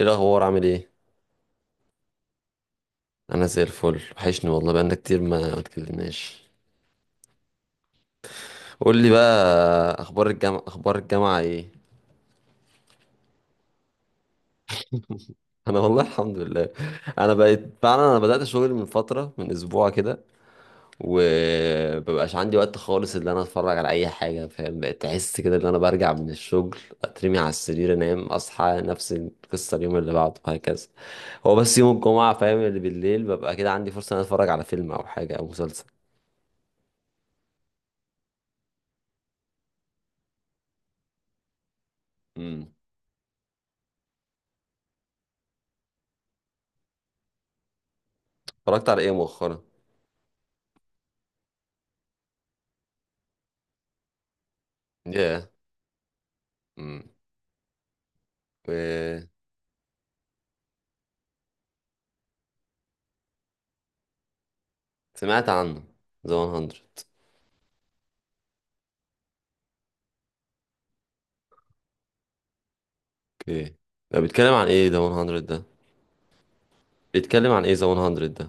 ايه الاخبار، عامل ايه؟ انا زي الفل، وحشني والله، بقالنا كتير ما اتكلمناش. قول لي بقى، اخبار الجامعه ايه؟ انا والله الحمد لله. انا بقيت فعلا، انا بدات شغل من فتره، من اسبوع كده، ومبقاش عندي وقت خالص ان انا اتفرج على اي حاجه، فاهم؟ بقيت احس كده ان انا برجع من الشغل، اترمي على السرير، انام، اصحى، نفس القصه اليوم اللي بعده، وهكذا. هو بس يوم الجمعه، فاهم، اللي بالليل ببقى كده عندي فرصه ان انا اتفرج على فيلم او حاجه او مسلسل. امم. اتفرجت على ايه مؤخرا؟ ياه. امم. سمعت عنه ذا 100. اوكي، ده بيتكلم عن ايه ذا 100 ده؟ بيتكلم عن ايه ذا 100 ده؟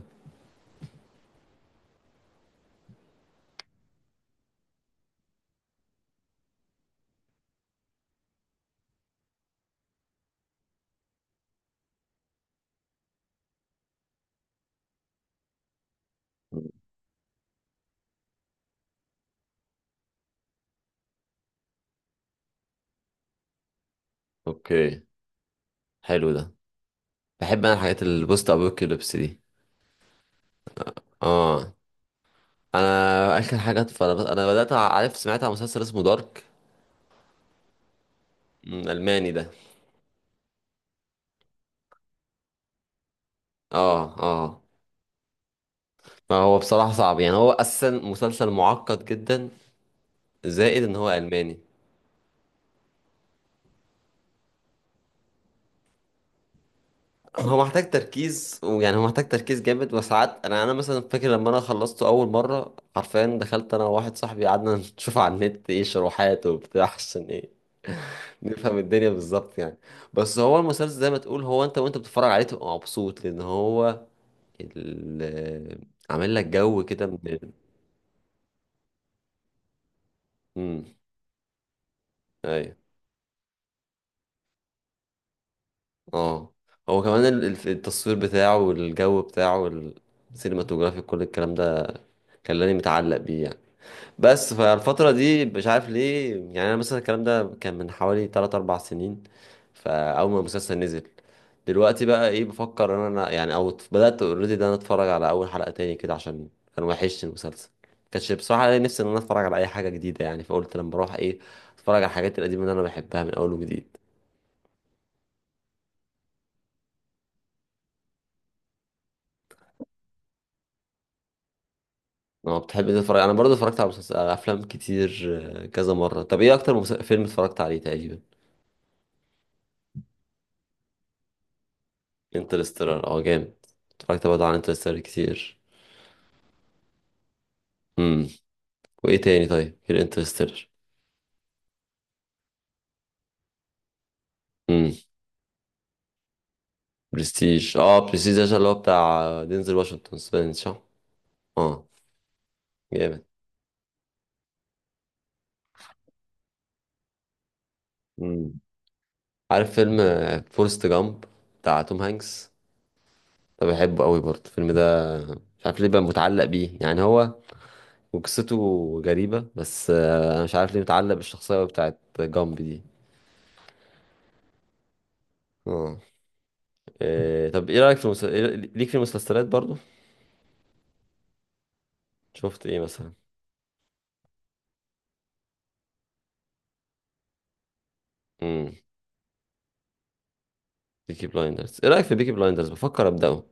اوكي، حلو ده. بحب انا الحاجات البوست ابوكاليبس دي. اه، انا اخر حاجات، فانا انا بدات، عارف، سمعت عن مسلسل اسمه دارك. أمم، الماني ده. اه اه. فهو بصراحه صعب، يعني هو اساسا مسلسل معقد جدا، زائد ان هو الماني. هو محتاج تركيز، ويعني هو محتاج تركيز جامد. وساعات انا مثلا فاكر لما انا خلصته اول مره، حرفيا دخلت انا وواحد صاحبي قعدنا نشوف على النت ايه شروحات وبتاع، عشان ايه، نفهم الدنيا بالظبط يعني. بس هو المسلسل زي ما تقول، هو انت وانت بتتفرج عليه تبقى مبسوط، لان هو ال- عامل لك جو كده من. امم. ايوه. اه، هو كمان التصوير بتاعه والجو بتاعه، السينماتوجرافي، كل الكلام ده خلاني متعلق بيه يعني. بس فالفترة دي مش عارف ليه، يعني أنا مثلا الكلام ده كان من حوالي 3 4 سنين، فأول ما المسلسل نزل. دلوقتي بقى إيه بفكر إن أنا، يعني أو بدأت أوريدي ده، أنا أتفرج على أول حلقة تاني كده عشان كان وحشني المسلسل. كانش بصراحة ليا نفسي إن أنا أتفرج على أي حاجة جديدة يعني، فقلت لما أروح إيه، أتفرج على الحاجات القديمة اللي أنا بحبها من أول وجديد. أنا بتحب إيه تتفرج؟ أنا برضه اتفرجت على مسلسل، على أفلام كتير، آه، كذا مرة. طب إيه أكتر فيلم اتفرجت عليه تقريبا؟ انترستيلر، أه جامد. اتفرجت برضه على انترستيلر كتير. امم. وايه تاني طيب غير انترستيلر؟ امم. برستيج، اه، برستيج ده اللي هو بتاع دينزل واشنطن سبنس، صح؟ اه، جامد. امم. عارف فيلم فورست جامب بتاع توم هانكس؟ ده بحبه قوي برضه الفيلم ده، مش عارف ليه بقى متعلق بيه يعني، هو وقصته غريبة. بس آه، انا مش عارف ليه متعلق بالشخصية بتاعت جامب دي. اه. إيه، طب ايه رأيك في ليك في المسلسلات برضه؟ شفت ايه مثلا؟ امم. بيكي بلايندرز، ايه رأيك في بيكي بلايندرز؟ بفكر أبدأه.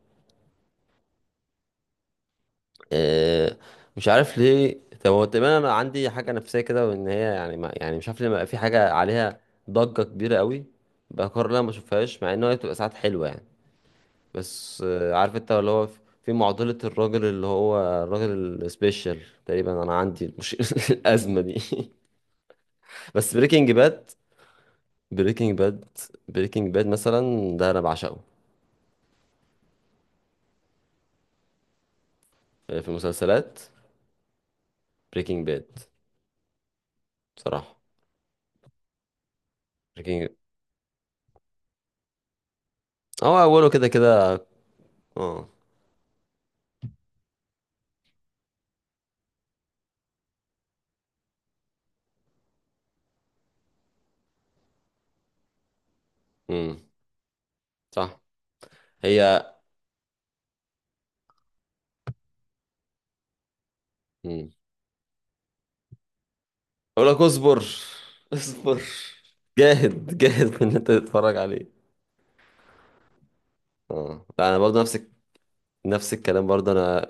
آه، مش عارف ليه، طب هو تقريبا انا عندي حاجه نفسيه كده، وان هي يعني، ما يعني، مش عارف ليه، ما بقى في حاجه عليها ضجه كبيره قوي، بقرر إن انا ما اشوفهاش، مع ان هي بتبقى ساعات حلوه يعني. بس آه، عارف انت اللي هو، في معضله الراجل اللي هو الراجل السبيشال، تقريبا انا عندي مش الازمه دي بس بريكنج باد بريكنج باد مثلا ده انا بعشقه. آه، في المسلسلات، بريكنج باد بصراحه. بريكنج، هو اوله كده كده. اه. امم. صح. هي. مم. اقول لك اصبر، اصبر، جاهد جاهد في ان انت تتفرج عليه. اه لا، انا برضو نفس الكلام برضو انا.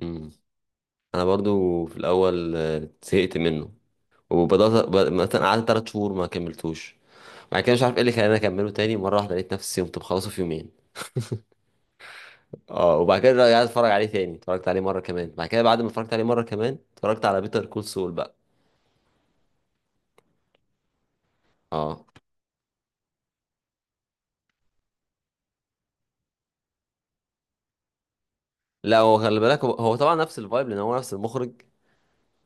مم. انا برضو في الاول آه، زهقت منه، وبدات مثلا قعدت ثلاث شهور ما كملتوش، بعد كده مش عارف ايه اللي خلاني اكمله تاني مره واحده، لقيت نفسي قمت مخلصه في يومين. اه، وبعد كده رجعت اتفرج عليه تاني، اتفرجت عليه مره كمان، بعد كده بعد ما اتفرجت عليه مره كمان، اتفرجت على بيتر كول سول بقى. اه لا، هو خلي بالك، هو طبعا نفس الفايب لان هو نفس المخرج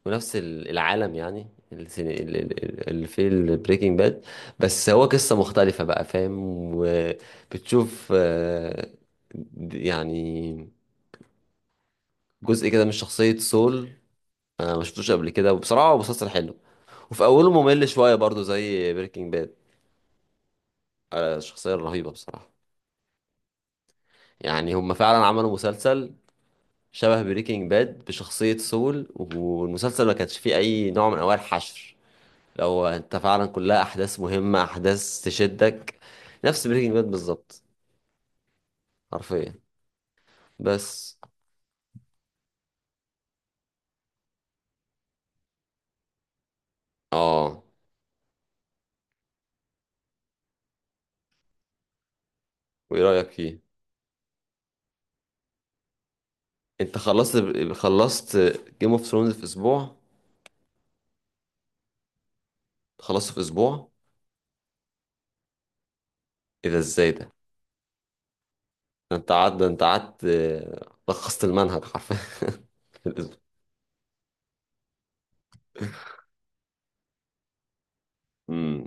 ونفس العالم، يعني اللي اللي في البريكنج باد. بس هو قصة مختلفة بقى، فاهم؟ وبتشوف آه، يعني جزء كده من شخصية سول آه، ما شفتوش قبل كده. وبصراحة هو مسلسل حلو، وفي أوله ممل شوية برضو زي بريكنج باد. الشخصية الرهيبة بصراحة. يعني هم فعلا عملوا مسلسل شبه بريكنج باد بشخصية سول، والمسلسل ما كانش فيه أي نوع من أنواع الحشر، لو انت فعلا كلها احداث مهمة، احداث تشدك، نفس بريكنج باد بالظبط، حرفيا. بس اه. وايه رأيك فيه؟ انت خلصت جيم اوف ثرونز في اسبوع؟ خلصته في اسبوع؟ ايه ده؟ ازاي ده؟ ده انت قعدت آه، لخصت المنهج حرفيا في الأسبوع. امم.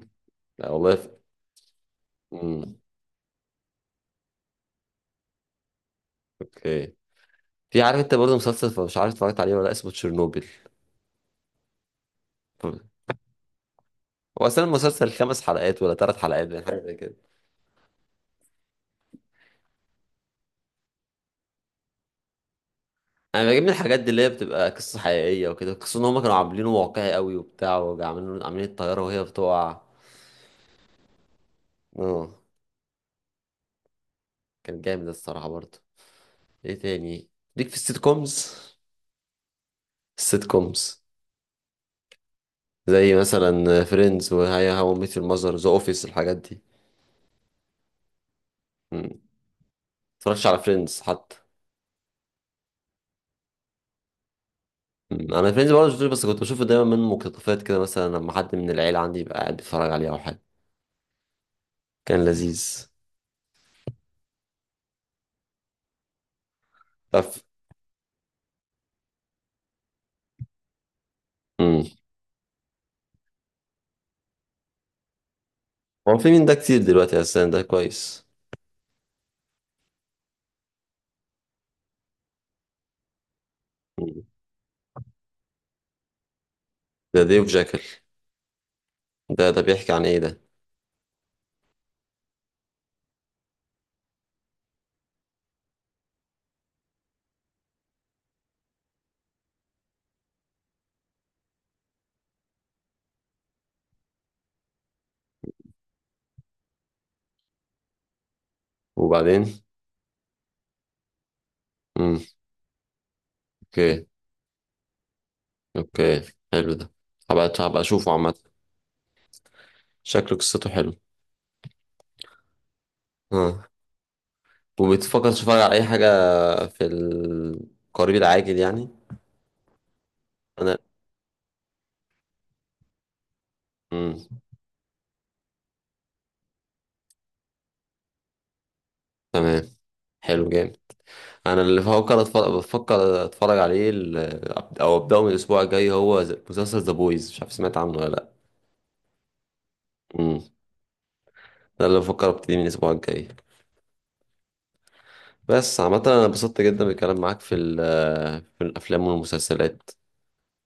لا والله ف... امم. اوكي. في، عارف انت برضه مسلسل، فمش عارف اتفرجت عليه ولا لأ، اسمه تشيرنوبل؟ هو اصلا المسلسل خمس حلقات ولا ثلاث حلقات، يعني حاجه زي كده. انا بجيب من الحاجات دي اللي هي بتبقى قصه حقيقيه وكده، قصه ان هم كانوا عاملينه واقعي قوي وبتاع، وعاملين عاملين الطياره وهي بتقع. اه، كان جامد الصراحه برضه. ايه تاني؟ ليك في السيت كومز؟ السيت كومز، زي مثلا فريندز وهاي هاو ميت يور ماذر، ذا اوفيس، الحاجات دي. مم. متفرجش على فريندز حتى؟ مم. انا فريندز برضه شفتوش، بس كنت بشوفه دايما من مقتطفات كده، مثلا لما حد من العيله عندي يبقى قاعد بيتفرج عليه او حاجه. كان لذيذ. طب. مم. هو في مين ده كتير دلوقتي اساسا، ده كويس. ده ديف جاكل؟ ده بيحكي عن ايه ده؟ وبعدين. امم. اوكي. اوكي، حلو ده. هبقى اشوفه عامة. شكله قصته حلو. اه. وبتفكر تتفرج على اي حاجة في القريب العاجل يعني؟ انا. امم. تمام. حلو جامد. انا اللي بفكر اتفرج عليه او ابداه من الاسبوع الجاي، هو مسلسل ذا بويز، مش عارف سمعت عنه ولا لا. امم. ده اللي بفكر ابتدي من الاسبوع الجاي. بس عامة انا انبسطت جدا بالكلام معاك في ال... في الافلام والمسلسلات،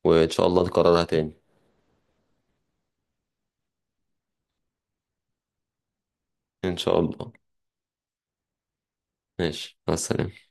وإن شاء الله نكررها تاني. إن شاء الله. ماشي مع السلامة.